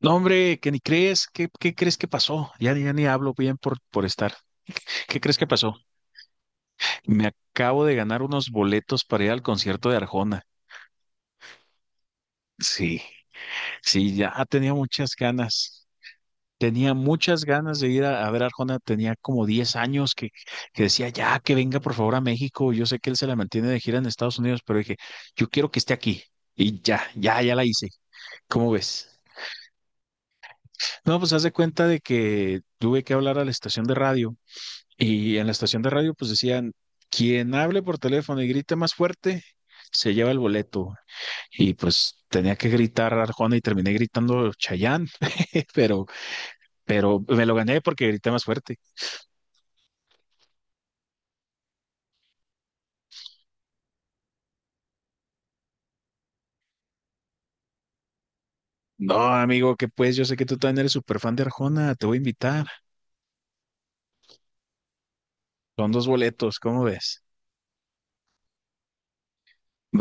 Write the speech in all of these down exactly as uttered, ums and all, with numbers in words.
No, hombre, que ni crees, ¿qué, qué crees que pasó? Ya, ya ni hablo bien por, por estar. ¿Qué crees que pasó? Me acabo de ganar unos boletos para ir al concierto de Arjona. Sí, sí, ya tenía muchas ganas. Tenía muchas ganas de ir a, a ver a Arjona. Tenía como diez años que, que decía, ya, que venga por favor a México. Yo sé que él se la mantiene de gira en Estados Unidos, pero dije, yo quiero que esté aquí. Y ya, ya, ya la hice. ¿Cómo ves? No, pues haz de cuenta de que tuve que hablar a la estación de radio. Y en la estación de radio, pues decían, quien hable por teléfono y grite más fuerte, se lleva el boleto. Y pues tenía que gritar Arjona y terminé gritando Chayán, pero, pero me lo gané porque grité más fuerte. No, amigo, que pues yo sé que tú también eres súper fan de Arjona, te voy a invitar. Son dos boletos, ¿cómo ves?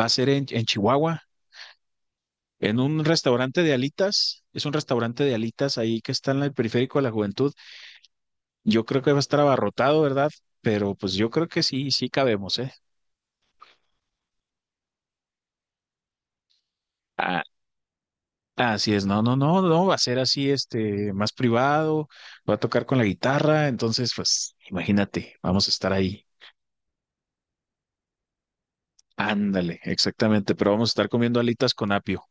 Va a ser en, en Chihuahua, en un restaurante de alitas. Es un restaurante de alitas ahí que está en el periférico de la juventud. Yo creo que va a estar abarrotado, ¿verdad? Pero pues yo creo que sí, sí cabemos, ¿eh? Ah, así es, no, no, no, no, va a ser así, este, más privado, va a tocar con la guitarra, entonces, pues, imagínate, vamos a estar ahí. Ándale, exactamente, pero vamos a estar comiendo alitas con apio.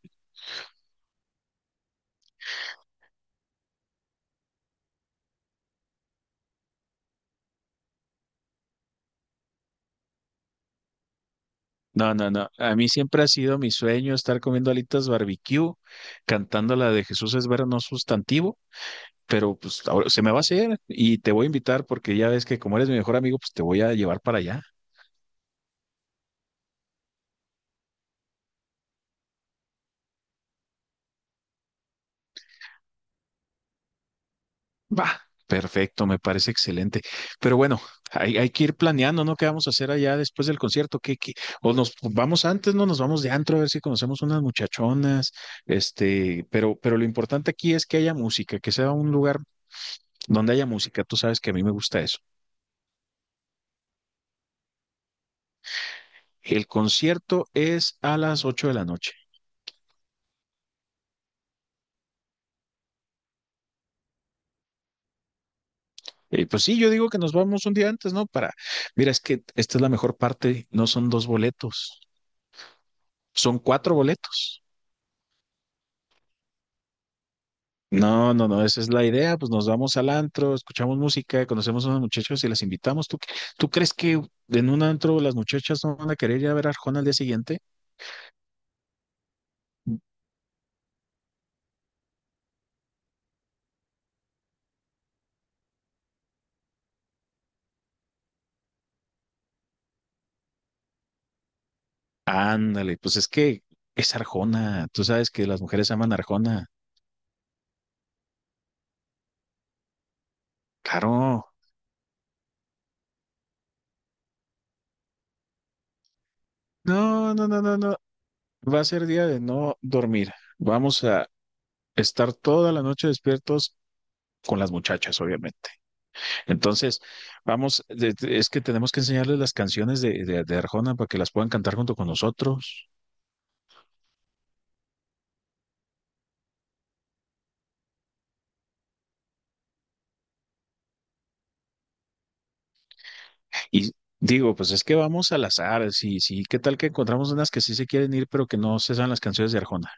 No, no, no, a mí siempre ha sido mi sueño estar comiendo alitas barbecue, cantando la de Jesús es ver no sustantivo, pero pues ahora se me va a hacer y te voy a invitar porque ya ves que como eres mi mejor amigo, pues te voy a llevar para allá. Va, perfecto, me parece excelente. Pero bueno, hay, hay que ir planeando, ¿no? ¿Qué vamos a hacer allá después del concierto? ¿Qué, qué? O nos vamos antes, ¿no? Nos vamos de antro a ver si conocemos unas muchachonas, este, pero, pero lo importante aquí es que haya música, que sea un lugar donde haya música. Tú sabes que a mí me gusta eso. El concierto es a las ocho de la noche. Eh, pues sí, yo digo que nos vamos un día antes, ¿no? Para, mira, es que esta es la mejor parte, no son dos boletos, son cuatro boletos. No, no, no, esa es la idea, pues nos vamos al antro, escuchamos música, conocemos a unos muchachos y las invitamos. ¿Tú, qué- tú crees que en un antro las muchachas no van a querer ir a ver a Arjona al día siguiente? Ándale, pues es que es Arjona, tú sabes que las mujeres aman a Arjona, claro. No, no, no, no, no, va a ser día de no dormir. Vamos a estar toda la noche despiertos con las muchachas, obviamente. Entonces, vamos, de- de- es que tenemos que enseñarles las canciones de, de, de Arjona para que las puedan cantar junto con nosotros. Y digo, pues es que vamos al azar, sí, sí, ¿qué tal que encontramos unas que sí se quieren ir, pero que no se saben las canciones de Arjona?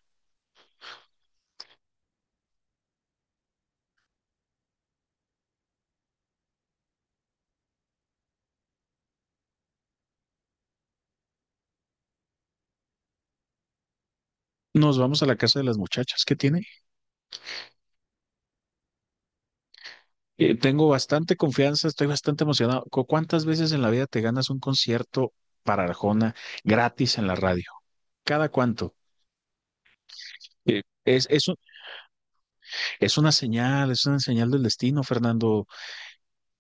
Nos vamos a la casa de las muchachas, ¿qué tiene? Eh, tengo bastante confianza, estoy bastante emocionado. ¿Cu- ¿Cuántas veces en la vida te ganas un concierto para Arjona gratis en la radio? ¿Cada cuánto? Eh, Es, es, un- es una señal, es una señal del destino, Fernando.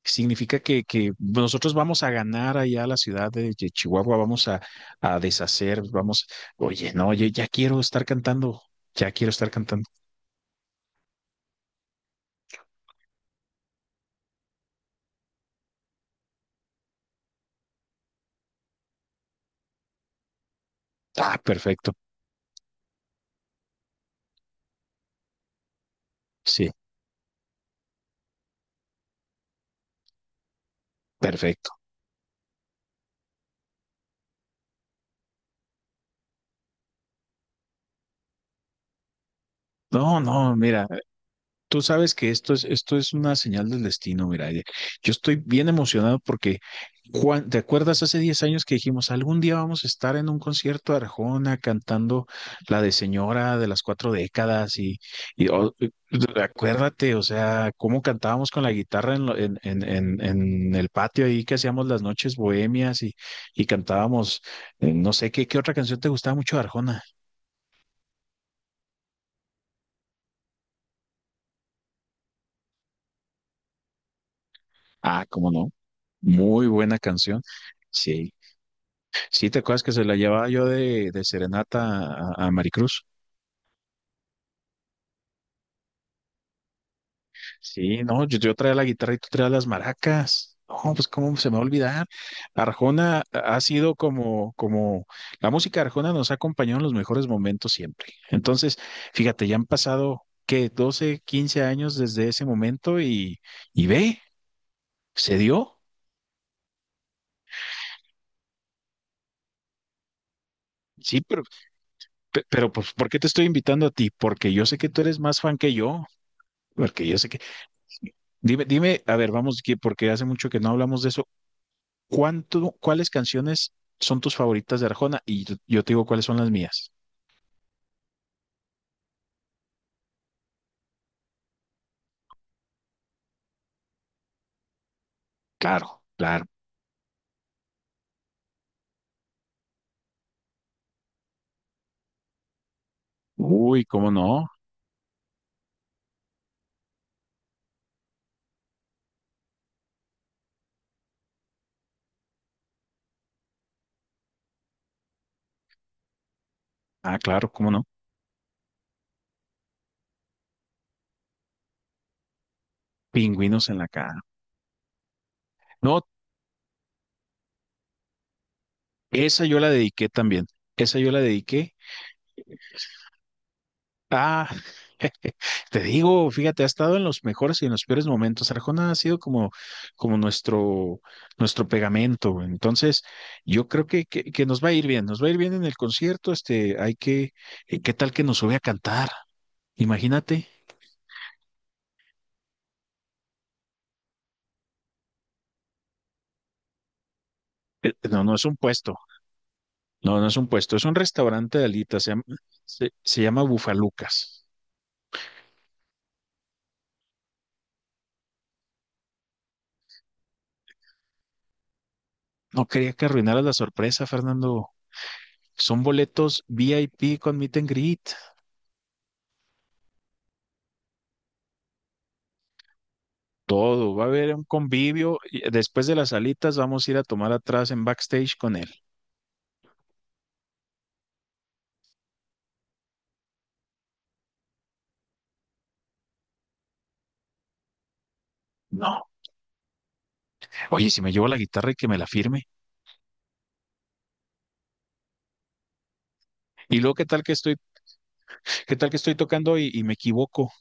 Significa que, que pues, nosotros vamos a ganar allá a la ciudad de Chi- Chihuahua, vamos a, a deshacer, vamos, oye, no, yo ya quiero estar cantando, ya quiero estar cantando. Ah, perfecto, sí, perfecto. No, no, mira, tú sabes que esto es, esto es una señal del destino, mira. eh, Yo estoy bien emocionado porque, Juan, ¿te acuerdas hace diez años que dijimos, algún día vamos a estar en un concierto de Arjona cantando la de Señora de las cuatro décadas? Y, y, o- eh, Acuérdate, o sea, cómo cantábamos con la guitarra en, lo- en, en, en- en el patio ahí que hacíamos las noches bohemias y, y cantábamos, eh, no sé, ¿qué, qué otra canción te gustaba mucho de Arjona? Ah, cómo no, muy buena canción. Sí. Sí, ¿te acuerdas que se la llevaba yo de, de serenata a, a Maricruz? Sí, no, yo, yo traía la guitarra y tú traías las maracas. No, pues cómo se me va a olvidar. Arjona ha sido como, como, la música de Arjona nos ha acompañado en los mejores momentos siempre. Entonces, fíjate, ya han pasado, ¿qué? doce, quince años desde ese momento y, y ve, se dio. Sí, pero, pe- pero pues, ¿por qué te estoy invitando a ti? Porque yo sé que tú eres más fan que yo. Porque yo sé que... Dime, dime, a ver, vamos, que- porque hace mucho que no hablamos de eso. ¿Cuánto, cuáles canciones son tus favoritas de Arjona? Y yo, yo te digo cuáles son las mías. Claro, claro. Uy, ¿cómo no? Ah, claro, ¿cómo no? Pingüinos en la cara. No, esa yo la dediqué también. Esa yo la dediqué. Ah, te digo, fíjate, ha estado en los mejores y en los peores momentos. Arjona ha sido como, como nuestro, nuestro pegamento. Entonces, yo creo que, que, que nos va a ir bien, nos va a ir bien en el concierto. Este, hay que, eh, ¿qué tal que nos sube a cantar? Imagínate. Eh, No, no es un puesto, no, no es un puesto, es un restaurante de alitas, se llama, se, se llama Bufalucas. No quería que arruinaras la sorpresa, Fernando. Son boletos V I P con meet and greet. Todo, va a haber un convivio. Y después de las alitas vamos a ir a tomar atrás en backstage con él. No, oye, si me llevo la guitarra y que me la firme. Y luego, ¿qué tal que estoy, qué tal que estoy tocando y, y me equivoco?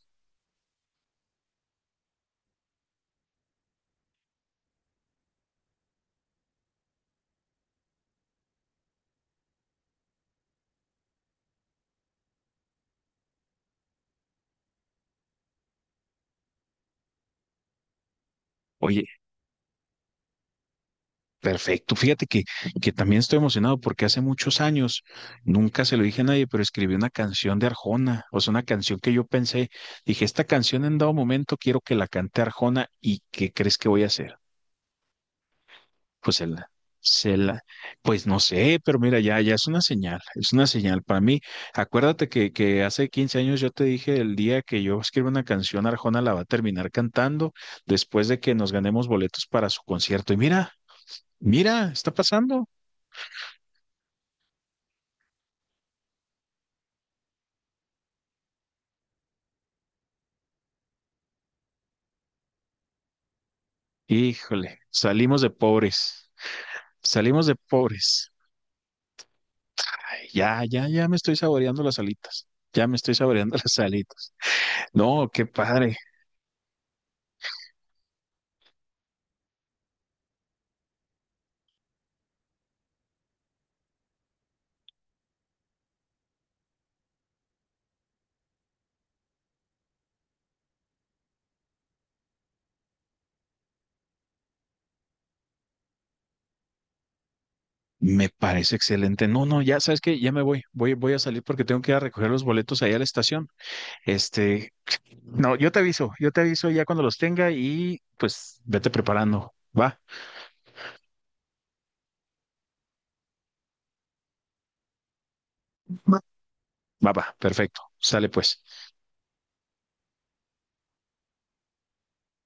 Oye, perfecto. Fíjate que, que también estoy emocionado porque hace muchos años, nunca se lo dije a nadie, pero escribí una canción de Arjona. O sea, una canción que yo pensé, dije, esta canción en dado momento quiero que la cante Arjona y ¿qué crees que voy a hacer? Pues el, se la- pues no sé, pero mira, ya, ya es una señal, es una señal para mí. Acuérdate que, que hace quince años yo te dije el día que yo escriba una canción, Arjona la va a terminar cantando después de que nos ganemos boletos para su concierto. Y mira, mira, está pasando. Híjole, salimos de pobres, salimos de pobres. Ay, ya, ya, ya me estoy saboreando las alitas, ya me estoy saboreando las alitas. No, qué padre. Me parece excelente. No, no, ya sabes que ya me voy. Voy, voy a salir porque tengo que ir a recoger los boletos ahí a la estación. Este, no, yo te aviso, yo te aviso ya cuando los tenga y pues vete preparando. Va, va, va, va, perfecto. Sale pues.